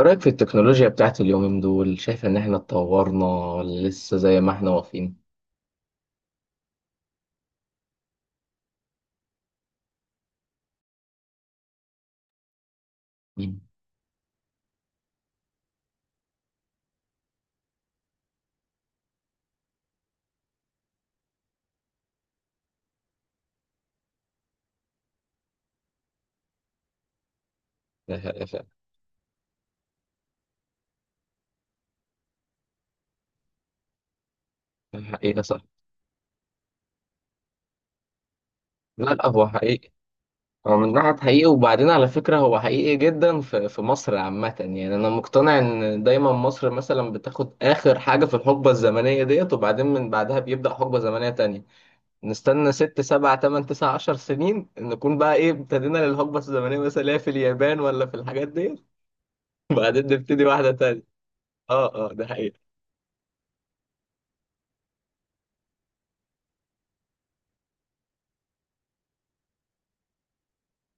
إيه رأيك في التكنولوجيا بتاعت اليومين دول شايف إن إحنا اتطورنا ولا لسه زي ما إحنا واقفين؟ مم. ده- ده- ده حقيقة صح. لا لا، هو حقيقي. هو من ناحية حقيقي، وبعدين على فكرة هو حقيقي جدا في مصر عامة. يعني أنا مقتنع إن دايما مصر مثلا بتاخد آخر حاجة في الحقبة الزمنية ديت، وبعدين من بعدها بيبدأ حقبة زمنية تانية. نستنى ست سبع تمن تسع عشر سنين نكون بقى إيه ابتدينا للحقبة الزمنية مثلا اللي هي في اليابان ولا في الحاجات ديت. وبعدين نبتدي واحدة تانية. اه اه، ده حقيقي.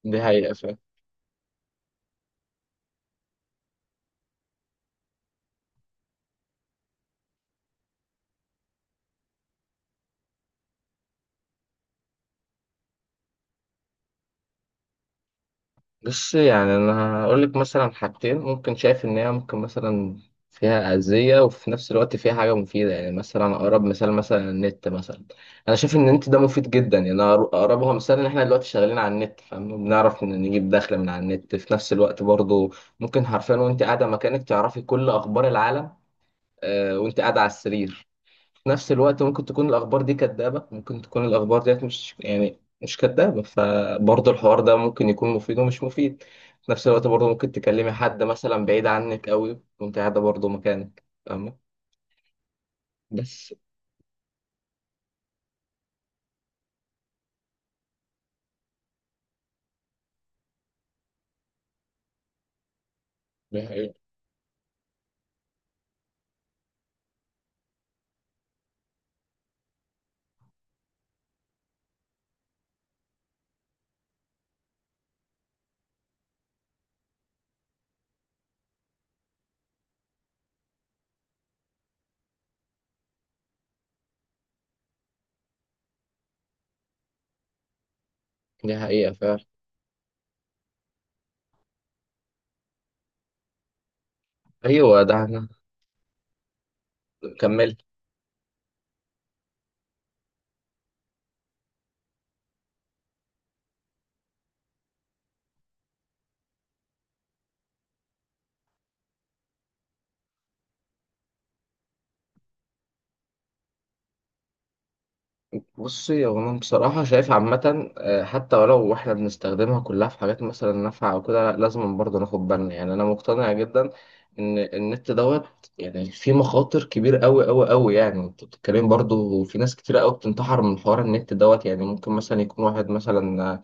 دي حقيقة فعلا. بس يعني أنا هقول لك مثلا حاجتين ممكن شايف إن هي ممكن مثلا فيها أذية، وفي نفس الوقت فيها حاجة مفيدة. يعني مثلا أقرب مثال مثلا النت مثلا، أنا شايف إن النت ده مفيد جدا. يعني أنا أقربها مثال إن إحنا دلوقتي شغالين على النت فاهم، بنعرف إن نجيب دخل من على النت. في نفس الوقت برضه ممكن حرفيا وأنت قاعدة مكانك تعرفي كل أخبار العالم. وأنت قاعدة على السرير. في نفس الوقت ممكن تكون الأخبار دي كدابة، ممكن تكون الأخبار ديت مش يعني مش كدابة، فبرضه الحوار ده ممكن يكون مفيد ومش مفيد. في نفس الوقت برضه ممكن تكلمي حد مثلا بعيد عنك قوي وأنت قاعدة برضه مكانك فاهمة. بس دي حقيقة. دي حقيقة فعلا. أيوه ده أنا. كملي. بصي هو انا بصراحه شايف عامه، حتى ولو احنا بنستخدمها كلها في حاجات مثلا نافعه او كده، لا لازم برضه ناخد بالنا. يعني انا مقتنع جدا ان النت دوت يعني فيه مخاطر كبيره قوي قوي قوي. يعني انت بتتكلم برضه في ناس كتيره قوي بتنتحر من حوار النت دوت. يعني ممكن مثلا يكون واحد مثلا،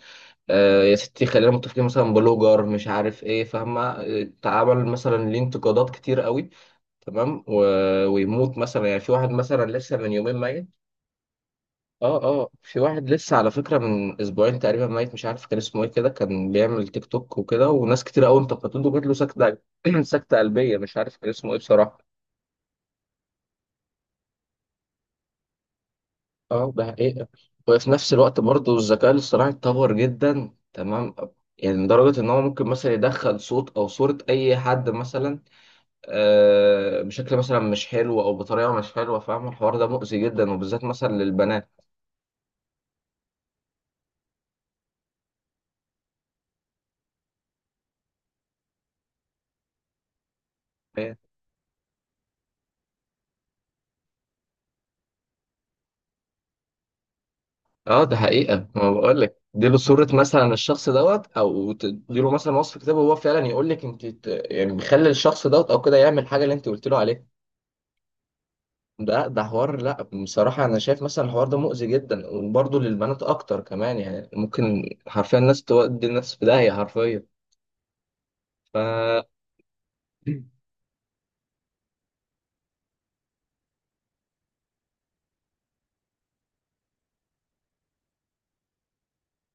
يا ستي خلينا متفقين مثلا بلوجر مش عارف ايه فاهمه، اتعمل مثلا ليه انتقادات كتير قوي. تمام ويموت مثلا. يعني في واحد مثلا لسه من يومين ميت. اه اه، في واحد لسه على فكرة من اسبوعين تقريبا ميت، مش عارف كان اسمه ايه. كده كان بيعمل تيك توك وكده، وناس كتير قوي انتقدته، وجات له سكتة سكتة قلبية، مش عارف كان اسمه ايه بصراحة. اه ده حقيقة. وفي نفس الوقت برضه الذكاء الاصطناعي اتطور جدا تمام. يعني لدرجة ان هو ممكن مثلا يدخل صوت او صورة اي حد مثلا، بشكل مثلا مش حلو او بطريقة مش حلوة فاهم. الحوار ده مؤذي جدا وبالذات مثلا للبنات. اه ده حقيقة. ما بقول لك اديله صورة مثلا الشخص دوت، او تديله مثلا وصف كتاب وهو فعلا يقول لك انت يعني بيخلي الشخص دوت او كده يعمل حاجة اللي انت قلت له عليها. ده حوار، لا بصراحة انا شايف مثلا الحوار ده مؤذي جدا، وبرضه للبنات اكتر كمان. يعني ممكن حرفيا الناس تودي الناس في داهية حرفيا. ف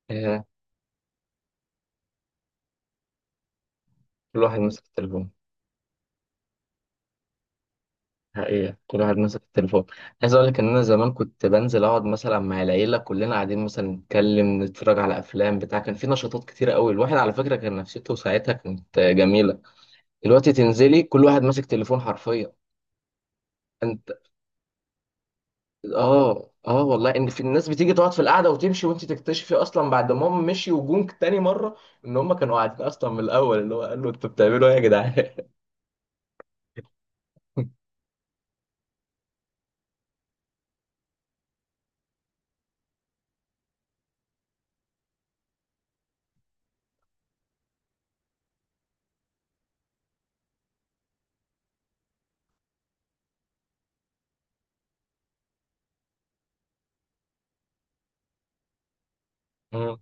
آه، كل واحد ماسك التليفون. حقيقة كل واحد ماسك التليفون. عايز اقول لك ان انا زمان كنت بنزل اقعد مثلا مع العيلة، كلنا قاعدين مثلا نتكلم نتفرج على افلام بتاع، كان في نشاطات كتيرة قوي. الواحد على فكرة كان نفسيته ساعتها كانت جميلة. دلوقتي تنزلي كل واحد ماسك تليفون حرفيا. انت اه اه، والله ان في الناس بتيجي تقعد في القعدة وتمشي، وانت تكتشفي اصلا بعد ما هم مشي وجونك تاني مرة ان هم كانوا قاعدين اصلا من الاول، اللي هو قالوا انتوا بتعملوا ايه يا جدعان. مم.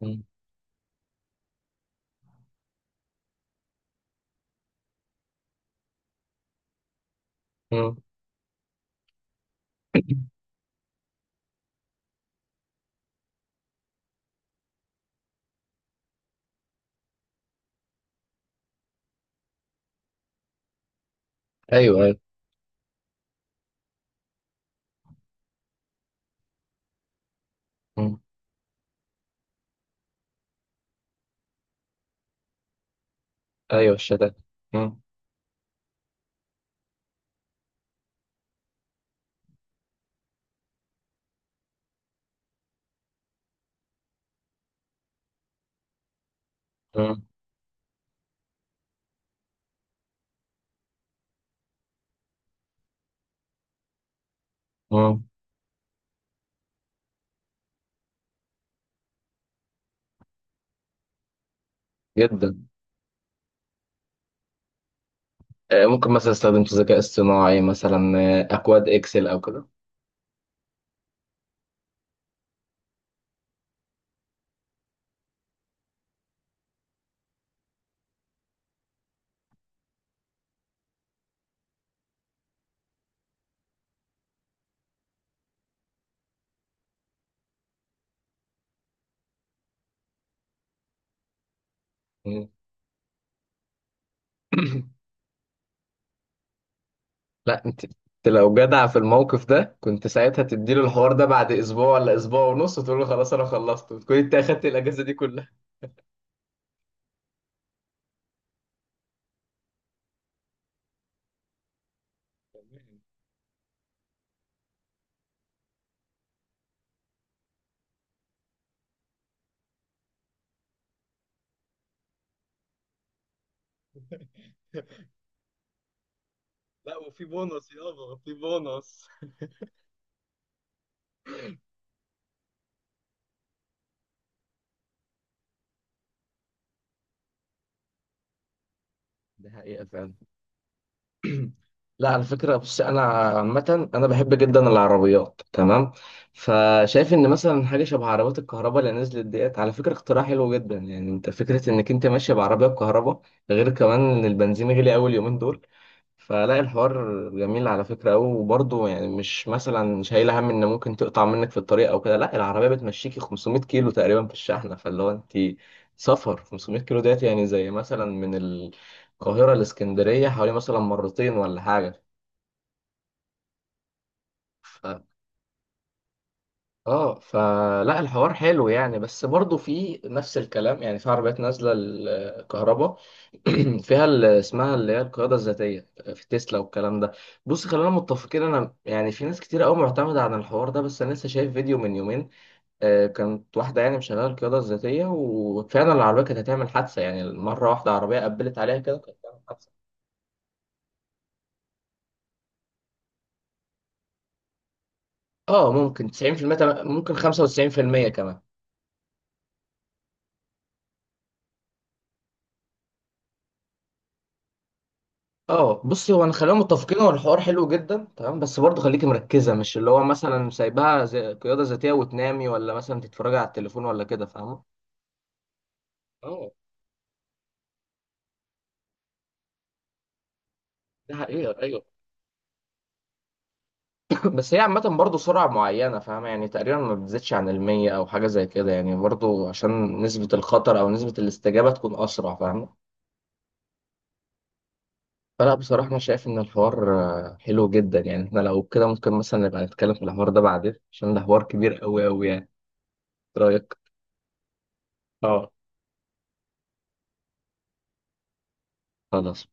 مم. مم. ايوه ايوه. مم. ايوه الشتات. مم. مم. مم. جدا. ممكن مثلا استخدمت ذكاء اصطناعي مثلا، اكواد اكسل او كده. مم. لا انت، انت لو جدع في الموقف ده كنت ساعتها تديله الحوار ده بعد اسبوع ولا اسبوع ونص، وتقول له خلاص انا خلصت، وتكون انت اخدت الاجازه دي كلها. لا وفي بونص يابا، في بونص. ده حقيقة فعلا. لا على فكرة بص، أنا عامة أنا بحب جدا العربيات تمام. فشايف إن مثلا حاجة شبه عربيات الكهرباء اللي نزلت ديت على فكرة اختراع حلو جدا. يعني أنت فكرة إنك أنت ماشي بعربية بكهرباء، غير كمان إن البنزين غلي أوي اليومين دول. فلا الحوار جميل على فكرة أوي. وبرضه يعني مش مثلا شايل هم إن ممكن تقطع منك في الطريق أو كده، لا العربية بتمشيكي 500 كيلو تقريبا في الشحنة. فاللي هو أنت سفر 500 كيلو ديت يعني زي مثلا من القاهرة لإسكندرية حوالي مثلا مرتين ولا حاجة. ف... اه فلا الحوار حلو يعني. بس برضه في نفس الكلام، يعني في عربيات نازله الكهرباء فيها اللي اسمها اللي هي القياده الذاتيه في تسلا والكلام ده. بص خلينا متفقين، انا يعني في ناس كتير قوي معتمده على الحوار ده، بس انا لسه شايف فيديو من يومين، كانت واحده يعني مشغله القياده الذاتيه وفعلا العربيه كانت هتعمل حادثه. يعني مره واحده عربيه قبلت عليها كده كانت هتعمل حادثه. اه ممكن 90% ممكن 95% كمان. اه بصي هو انا خلينا متفقين، هو الحوار حلو جدا تمام، بس برضه خليكي مركزه مش اللي هو مثلا سايبها زي قياده ذاتيه وتنامي ولا مثلا تتفرجي على التليفون ولا كده فاهمه. اه ده حقيقة ايوه. بس هي عامه برضه سرعه معينه فاهمه، يعني تقريبا ما بتزيدش عن المية او حاجه زي كده، يعني برضه عشان نسبه الخطر او نسبه الاستجابه تكون اسرع فاهمه. فلا بصراحه انا شايف ان الحوار حلو جدا. يعني احنا لو كده ممكن مثلا نبقى نتكلم في الحوار ده بعدين، عشان ده حوار كبير قوي قوي يعني. إيه رايك؟ اه خلاص.